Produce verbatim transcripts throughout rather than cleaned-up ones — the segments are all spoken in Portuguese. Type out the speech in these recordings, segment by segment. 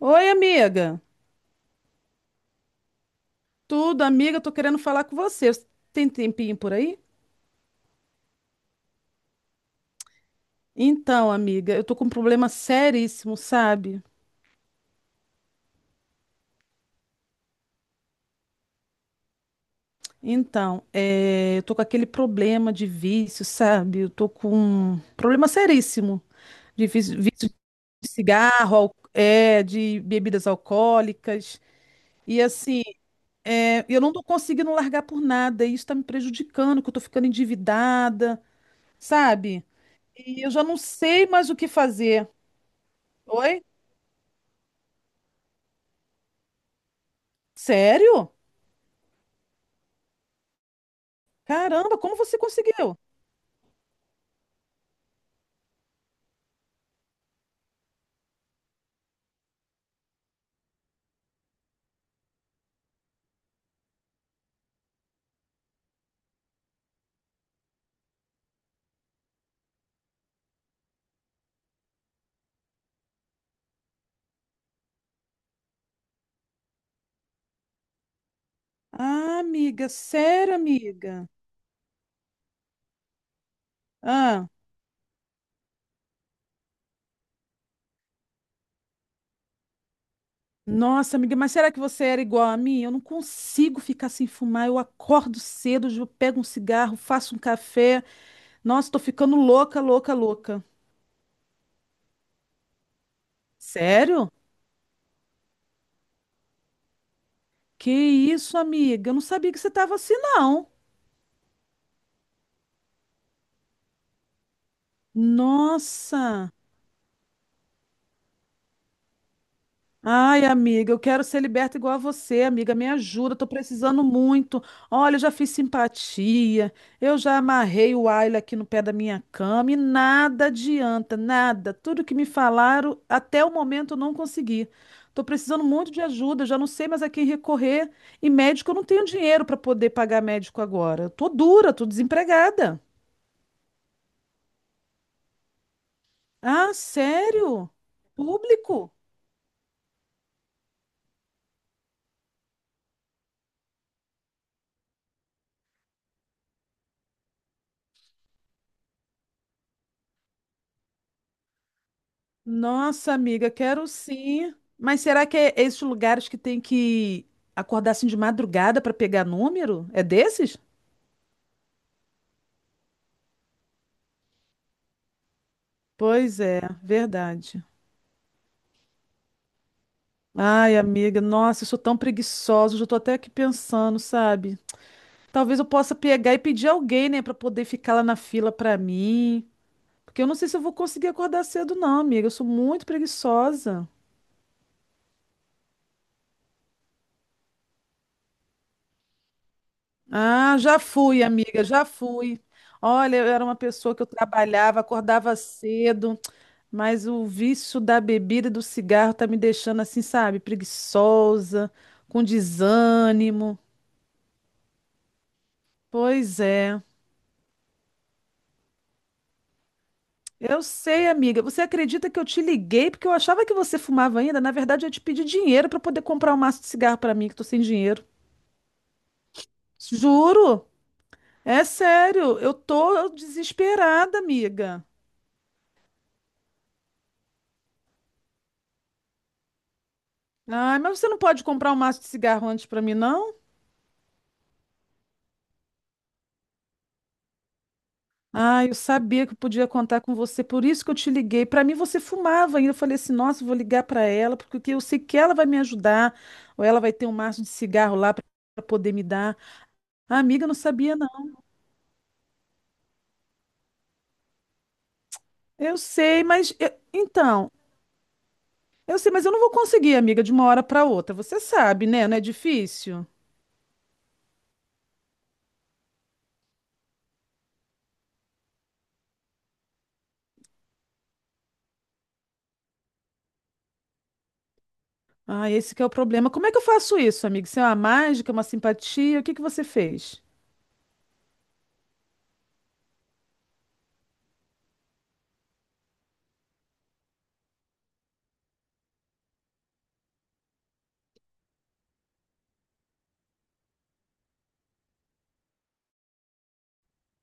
Oi, amiga. Tudo, amiga, tô querendo falar com você. Você Tem tempinho por aí? Então, amiga, eu tô com um problema seríssimo, sabe? Então, é, eu tô com aquele problema de vício, sabe? Eu tô com um problema seríssimo de vício, vício de cigarro, al- é, de bebidas alcoólicas. E assim, é, eu não tô conseguindo largar por nada. E isso tá me prejudicando, que eu tô ficando endividada, sabe? E eu já não sei mais o que fazer. Oi? Sério? Caramba, como você conseguiu? Ah, amiga, sério, amiga. Ah, nossa, amiga, mas será que você era igual a mim? Eu não consigo ficar sem fumar. Eu acordo cedo, eu pego um cigarro, faço um café. Nossa, tô ficando louca, louca, louca. Sério? Que isso, amiga? Eu não sabia que você tava assim, não. Nossa. Ai, amiga, eu quero ser liberta igual a você, amiga. Me ajuda, tô precisando muito. Olha, eu já fiz simpatia, eu já amarrei o Ayla aqui no pé da minha cama e nada adianta, nada. Tudo que me falaram, até o momento eu não consegui. Tô precisando muito de ajuda, eu já não sei mais a quem recorrer. E médico, eu não tenho dinheiro para poder pagar médico agora. Eu tô dura, tô desempregada. Ah, sério? Público? Nossa, amiga, quero sim. Mas será que é esses lugares que tem que acordar assim de madrugada para pegar número? É desses? Pois é, verdade. Ai, amiga, nossa, eu sou tão preguiçosa, já tô até aqui pensando, sabe? Talvez eu possa pegar e pedir alguém, né, para poder ficar lá na fila para mim, porque eu não sei se eu vou conseguir acordar cedo não, amiga, eu sou muito preguiçosa. Ah, já fui, amiga, já fui. Olha, eu era uma pessoa que eu trabalhava, acordava cedo. Mas o vício da bebida e do cigarro tá me deixando assim, sabe, preguiçosa, com desânimo. Pois é. Eu sei, amiga. Você acredita que eu te liguei porque eu achava que você fumava ainda? Na verdade, eu ia te pedi dinheiro para poder comprar um maço de cigarro para mim, que tô sem dinheiro. Juro? É sério. Eu tô desesperada, amiga. Ai, mas você não pode comprar um maço de cigarro antes para mim, não? Ah, eu sabia que eu podia contar com você, por isso que eu te liguei. Para mim, você fumava ainda. Eu falei assim: nossa, eu vou ligar para ela, porque eu sei que ela vai me ajudar, ou ela vai ter um maço de cigarro lá para poder me dar. A amiga eu não sabia, não. Eu sei, mas. Eu- Então, eu sei, mas eu não vou conseguir, amiga, de uma hora para outra. Você sabe, né? Não é difícil? Ah, esse que é o problema. Como é que eu faço isso, amiga? Isso é uma mágica, uma simpatia? O que que você fez?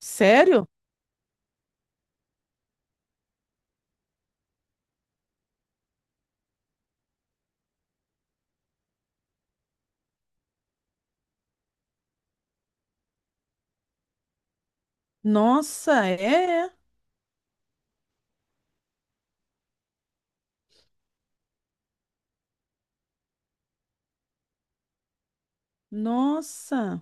Sério? Nossa, é? Nossa.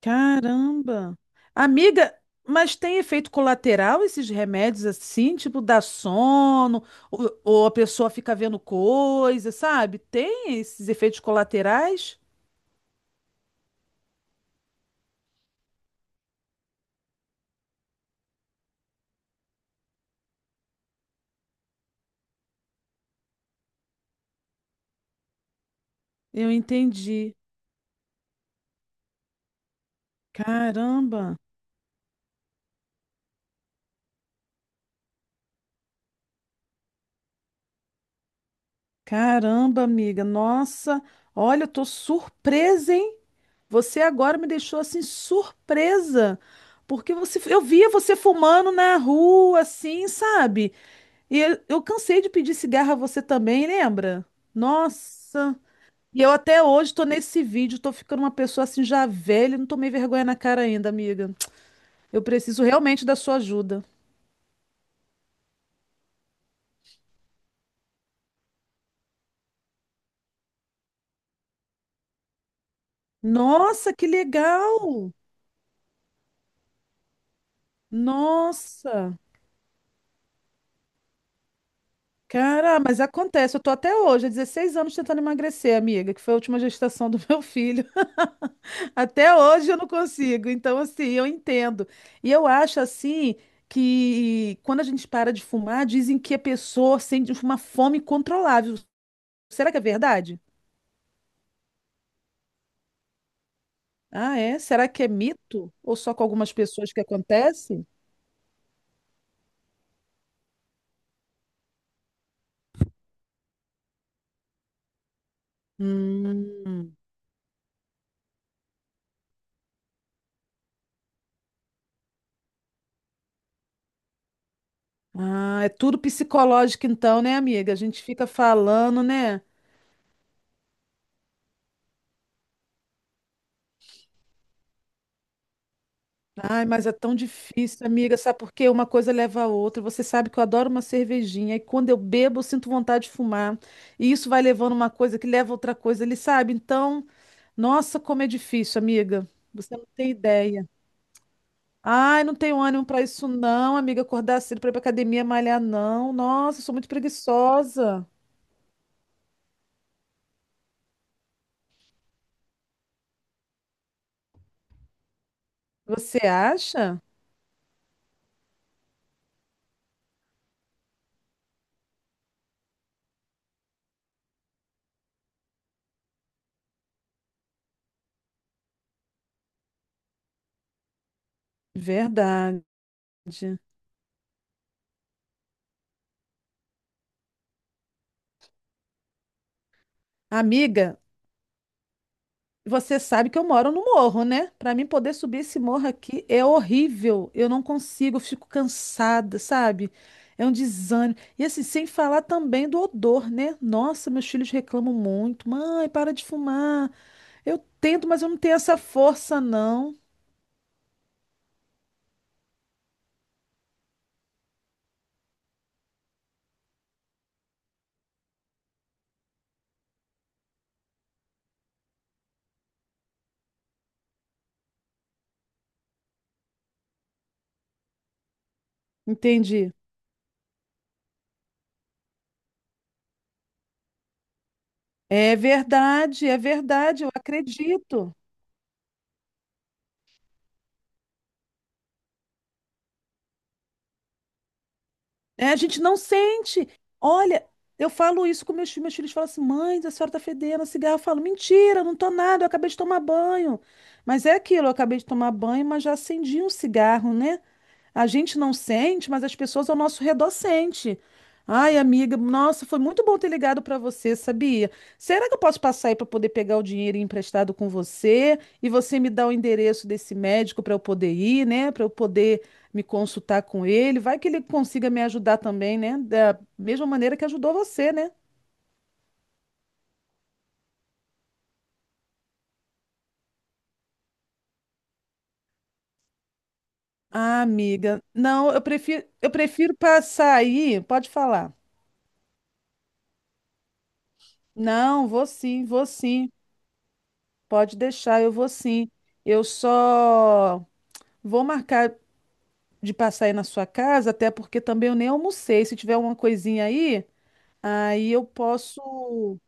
Caramba! Amiga, mas tem efeito colateral esses remédios assim? Tipo, dá sono, ou, ou a pessoa fica vendo coisa, sabe? Tem esses efeitos colaterais? Eu entendi. Caramba! Caramba, amiga! Nossa! Olha, eu tô surpresa, hein? Você agora me deixou assim surpresa. Porque você, eu via você fumando na rua, assim, sabe? E eu, eu cansei de pedir cigarro a você também, lembra? Nossa. E eu até hoje tô nesse vídeo, tô ficando uma pessoa assim já velha, e não tomei vergonha na cara ainda, amiga. Eu preciso realmente da sua ajuda. Nossa, que legal! Nossa. Cara, mas acontece, eu tô até hoje, há dezesseis anos tentando emagrecer, amiga, que foi a última gestação do meu filho. Até hoje eu não consigo. Então, assim, eu entendo. E eu acho, assim, que quando a gente para de fumar, dizem que a pessoa sente uma fome incontrolável. Será que é verdade? Ah, é? Será que é mito? Ou só com algumas pessoas que acontece? Hum. Ah, é tudo psicológico, então, né, amiga? A gente fica falando, né? Ai, mas é tão difícil, amiga, sabe por quê? Uma coisa leva a outra. Você sabe que eu adoro uma cervejinha e quando eu bebo, eu sinto vontade de fumar. E isso vai levando uma coisa que leva a outra coisa, ele sabe? Então, nossa, como é difícil, amiga. Você não tem ideia. Ai, não tenho ânimo pra isso não, amiga, acordar cedo pra ir pra academia malhar não. Nossa, eu sou muito preguiçosa. Você acha? Verdade. Amiga, você sabe que eu moro no morro, né? Para mim poder subir esse morro aqui é horrível. Eu não consigo, eu fico cansada, sabe? É um desânimo. E assim, sem falar também do odor, né? Nossa, meus filhos reclamam muito. Mãe, para de fumar. Eu tento, mas eu não tenho essa força, não. Entendi. É verdade, é verdade, eu acredito. É, a gente não sente. Olha, eu falo isso com meus filhos. Meus filhos falam assim: mãe, a senhora tá fedendo a cigarro. Eu falo: mentira, não tô nada, eu acabei de tomar banho. Mas é aquilo, eu acabei de tomar banho, mas já acendi um cigarro, né? A gente não sente, mas as pessoas ao nosso redor sente. Ai, amiga, nossa, foi muito bom ter ligado para você, sabia? Será que eu posso passar aí para poder pegar o dinheiro emprestado com você e você me dá o endereço desse médico para eu poder ir, né? Para eu poder me consultar com ele. Vai que ele consiga me ajudar também, né? Da mesma maneira que ajudou você, né? Ah, amiga, não, eu prefiro, eu prefiro passar aí. Pode falar. Não, vou sim, vou sim. Pode deixar, eu vou sim. Eu só vou marcar de passar aí na sua casa, até porque também eu nem almocei. Se tiver uma coisinha aí, aí eu posso.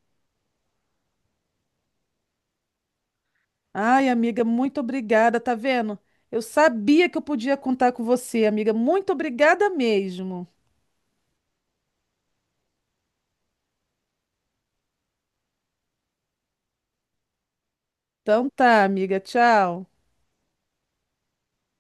Ai, amiga, muito obrigada, tá vendo? Eu sabia que eu podia contar com você, amiga. Muito obrigada mesmo. Então tá, amiga, tchau.